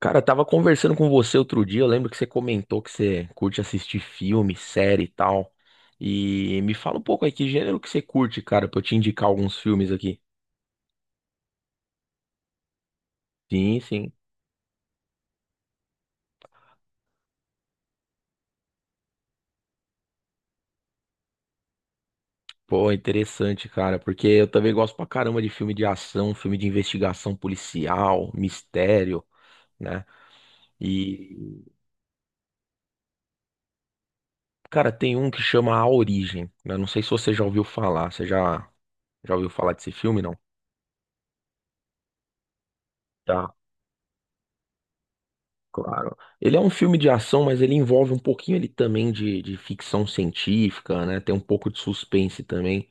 Cara, eu tava conversando com você outro dia, eu lembro que você comentou que você curte assistir filme, série e tal. E me fala um pouco aí, que gênero que você curte, cara, pra eu te indicar alguns filmes aqui. Sim, sim. Pô, interessante, cara, porque eu também gosto pra caramba de filme de ação, filme de investigação policial, mistério, né? E, cara, tem um que chama A Origem, né? Não sei se você já ouviu falar, você já ouviu falar desse filme, não? Tá. Claro. Ele é um filme de ação, mas ele envolve um pouquinho ele também de ficção científica, né? Tem um pouco de suspense também.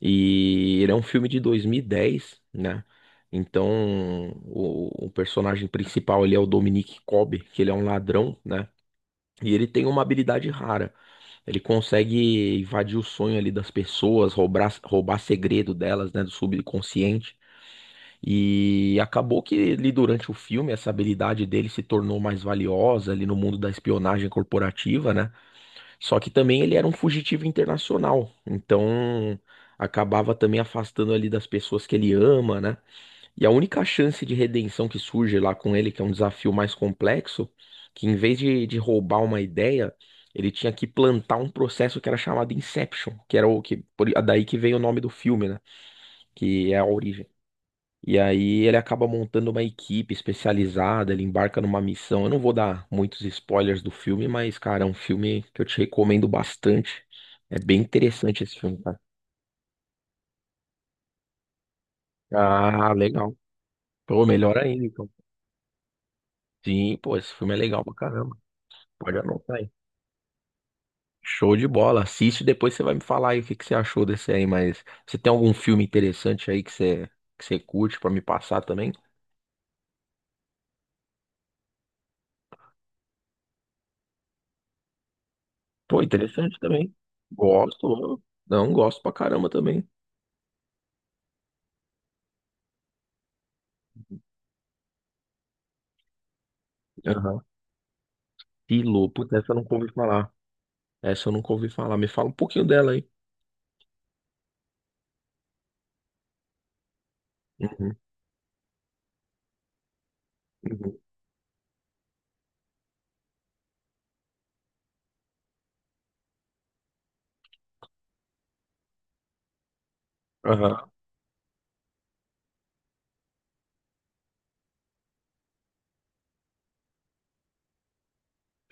E ele é um filme de 2010, né? Então, o personagem principal ele é o Dominic Cobb, que ele é um ladrão, né? E ele tem uma habilidade rara. Ele consegue invadir o sonho ali das pessoas, roubar segredo delas, né? Do subconsciente. E acabou que ele, durante o filme, essa habilidade dele se tornou mais valiosa ali no mundo da espionagem corporativa, né? Só que também ele era um fugitivo internacional, então acabava também afastando ali das pessoas que ele ama, né? E a única chance de redenção que surge lá com ele, que é um desafio mais complexo, que em vez de roubar uma ideia, ele tinha que plantar um processo que era chamado Inception, que era o que, daí que vem o nome do filme, né? Que é a origem. E aí ele acaba montando uma equipe especializada, ele embarca numa missão. Eu não vou dar muitos spoilers do filme, mas, cara, é um filme que eu te recomendo bastante. É bem interessante esse filme, cara. Ah, legal. Pô, melhor ainda, então. Sim, pô, esse filme é legal pra caramba. Pode anotar aí. Show de bola. Assiste, depois você vai me falar aí o que que você achou desse aí, mas você tem algum filme interessante aí que você curte pra me passar também? Pô, interessante também. Gosto, não, gosto pra caramba também. Pilo, puta, essa eu nunca ouvi falar. Essa eu nunca ouvi falar. Me fala um pouquinho dela aí. Uhum, uhum. Aham.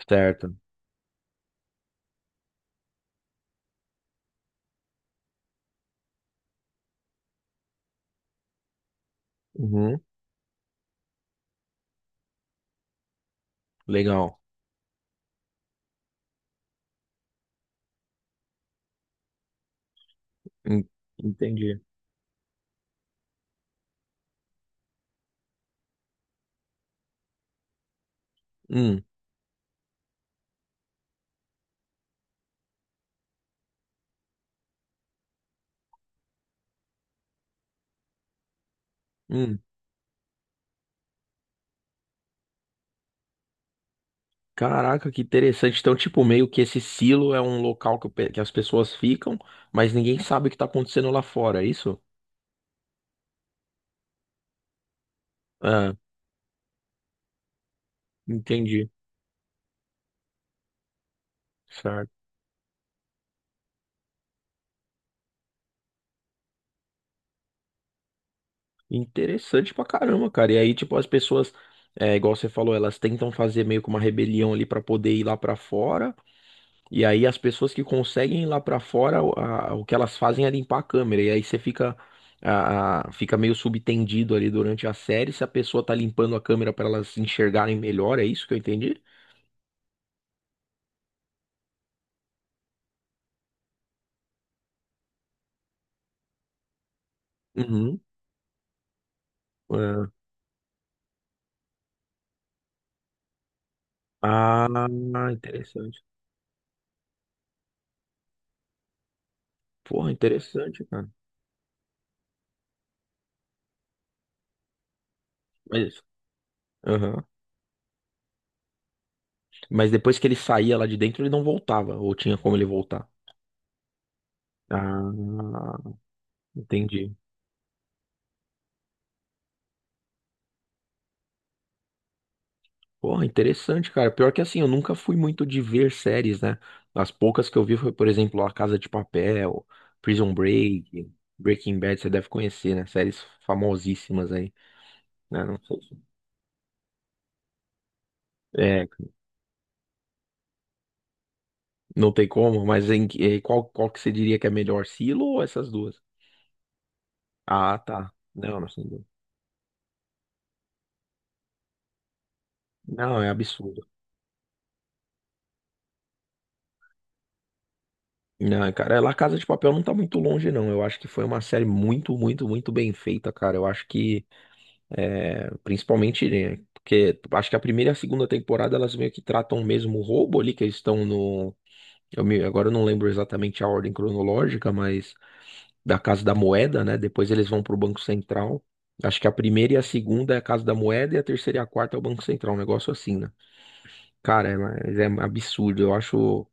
Certo. Uhum, legal. En- Entendi. Hum, hum. Caraca, que interessante. Então, tipo, meio que esse silo é um local que, que as pessoas ficam, mas ninguém sabe o que tá acontecendo lá fora, é isso? Ah, entendi. Certo. Interessante pra caramba, cara. E aí, tipo, as pessoas, é, igual você falou, elas tentam fazer meio que uma rebelião ali pra poder ir lá pra fora. E aí as pessoas que conseguem ir lá pra fora, o que elas fazem é limpar a câmera. E aí você fica, fica meio subtendido ali durante a série se a pessoa tá limpando a câmera pra elas enxergarem melhor, é isso que eu entendi? Uhum. É. Ah, interessante. Porra, interessante, cara. Mas, Aham. Mas depois que ele saía lá de dentro, ele não voltava, ou tinha como ele voltar? Ah, entendi. Porra, interessante, cara. Pior que assim, eu nunca fui muito de ver séries, né? As poucas que eu vi foi, por exemplo, A Casa de Papel, Prison Break, Breaking Bad, você deve conhecer, né? Séries famosíssimas aí, né? Não sei se... É, não tem como, mas em, qual que você diria que é melhor, Silo ou essas duas? Ah, tá. Não, não sei. Não, é absurdo. Não, cara, é, La Casa de Papel não tá muito longe, não. Eu acho que foi uma série muito, muito, muito bem feita, cara. Eu acho que é, principalmente, né, porque acho que a primeira e a segunda temporada elas meio que tratam o mesmo roubo ali, que eles estão no. Agora eu não lembro exatamente a ordem cronológica, mas da Casa da Moeda, né? Depois eles vão pro Banco Central. Acho que a primeira e a segunda é a Casa da Moeda e a terceira e a quarta é o Banco Central, um negócio assim, né? Cara, é, mas é absurdo. Eu acho.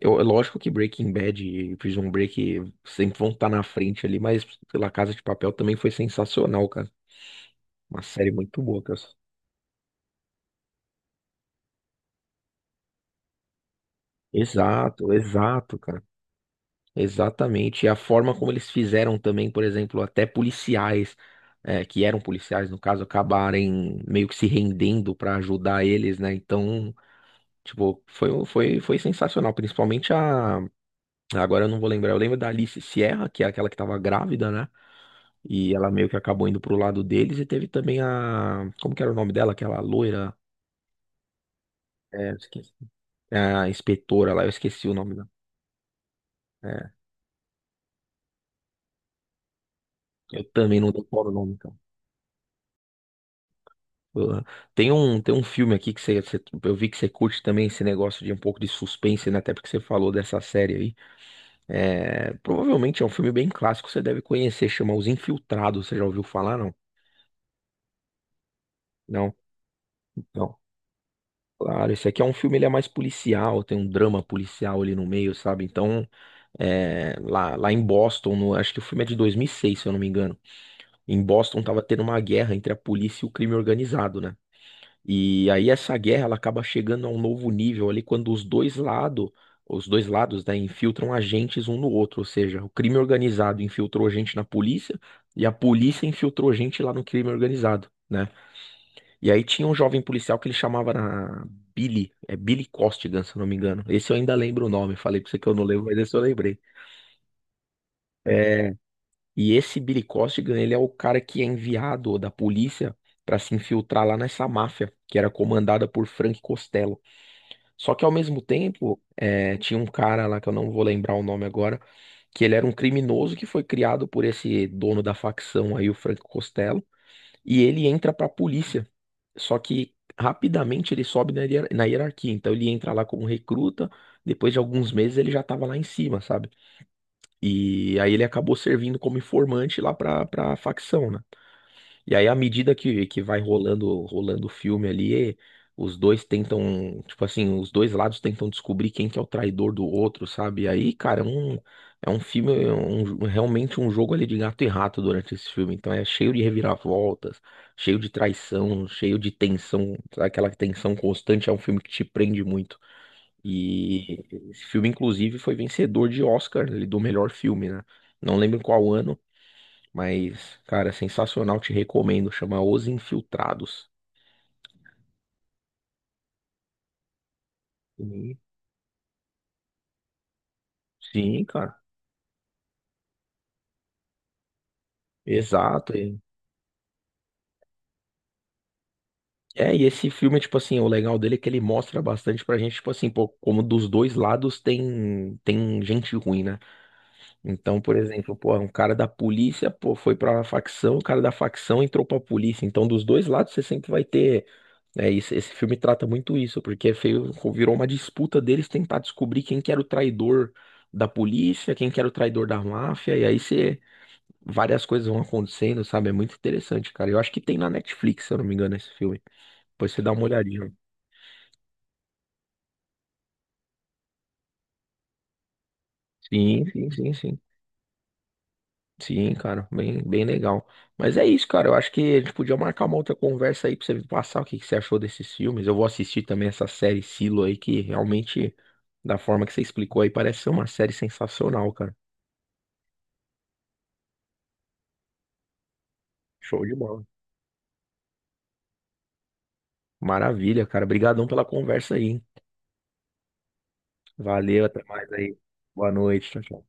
Eu, é lógico que Breaking Bad e Prison Break sempre vão estar na frente ali, mas pela Casa de Papel também foi sensacional, cara. Uma série muito boa, cara. Exato, exato, cara. Exatamente. E a forma como eles fizeram também, por exemplo, até policiais, que eram policiais, no caso, acabarem meio que se rendendo para ajudar eles, né? Então, tipo, foi sensacional. Principalmente a. Agora eu não vou lembrar. Eu lembro da Alice Sierra, que é aquela que tava grávida, né? E ela meio que acabou indo pro lado deles. E teve também a. Como que era o nome dela? Aquela loira. É, eu esqueci. É, a inspetora lá, eu esqueci o nome dela. É, eu também não decoro o nome. Porra. Tem um filme aqui que eu vi que você curte também esse negócio de um pouco de suspense, né? Até porque você falou dessa série aí. É, provavelmente é um filme bem clássico, você deve conhecer, chama Os Infiltrados, você já ouviu falar, não? Não? Não. Claro, esse aqui é um filme, ele é mais policial, tem um drama policial ali no meio, sabe? Então, é, lá em Boston, acho que o filme é de 2006 se eu não me engano. Em Boston tava tendo uma guerra entre a polícia e o crime organizado, né? E aí essa guerra ela acaba chegando a um novo nível ali quando os dois lados, né, infiltram agentes um no outro, ou seja, o crime organizado infiltrou gente na polícia e a polícia infiltrou gente lá no crime organizado, né? E aí tinha um jovem policial que ele Billy, é Billy Costigan, se eu não me engano. Esse eu ainda lembro o nome, falei pra você que eu não lembro, mas esse eu lembrei. É, e esse Billy Costigan, ele é o cara que é enviado da polícia para se infiltrar lá nessa máfia, que era comandada por Frank Costello. Só que ao mesmo tempo, é, tinha um cara lá que eu não vou lembrar o nome agora, que ele era um criminoso que foi criado por esse dono da facção aí, o Franco Costello, e ele entra pra polícia. Só que rapidamente ele sobe na hierarquia, então ele entra lá como recruta, depois de alguns meses ele já tava lá em cima, sabe? E aí ele acabou servindo como informante lá pra facção, né? E aí, à medida que vai rolando o filme ali, os dois tentam, tipo assim, os dois lados tentam descobrir quem que é o traidor do outro, sabe? E aí, cara, realmente um jogo ali de gato e rato durante esse filme. Então é cheio de reviravoltas, cheio de traição, cheio de tensão, aquela tensão constante. É um filme que te prende muito. E esse filme, inclusive, foi vencedor de Oscar, ele, do melhor filme, né? Não lembro qual ano, mas, cara, sensacional, te recomendo. Chama Os Infiltrados. Sim, sim, cara. Exato. É, e esse filme, tipo assim, o legal dele é que ele mostra bastante pra gente, tipo assim, pô, como dos dois lados tem gente ruim, né? Então, por exemplo, pô, um cara da polícia, pô, foi pra facção, o cara da facção entrou pra polícia. Então, dos dois lados, você sempre vai ter. É, esse filme trata muito isso, porque virou uma disputa deles tentar descobrir quem que era o traidor da polícia, quem que era o traidor da máfia, e aí você, várias coisas vão acontecendo, sabe? É muito interessante, cara. Eu acho que tem na Netflix, se eu não me engano, esse filme. Depois você dá uma olhadinha. Sim, sim, sim, sim. Sim, cara, bem, bem legal. Mas é isso, cara. Eu acho que a gente podia marcar uma outra conversa aí pra você me passar o que que você achou desses filmes. Eu vou assistir também essa série Silo aí, que realmente, da forma que você explicou aí, parece ser uma série sensacional, cara. Show de bola. Maravilha, cara. Obrigadão pela conversa aí, hein? Valeu, até mais aí. Boa noite, tchau, tchau.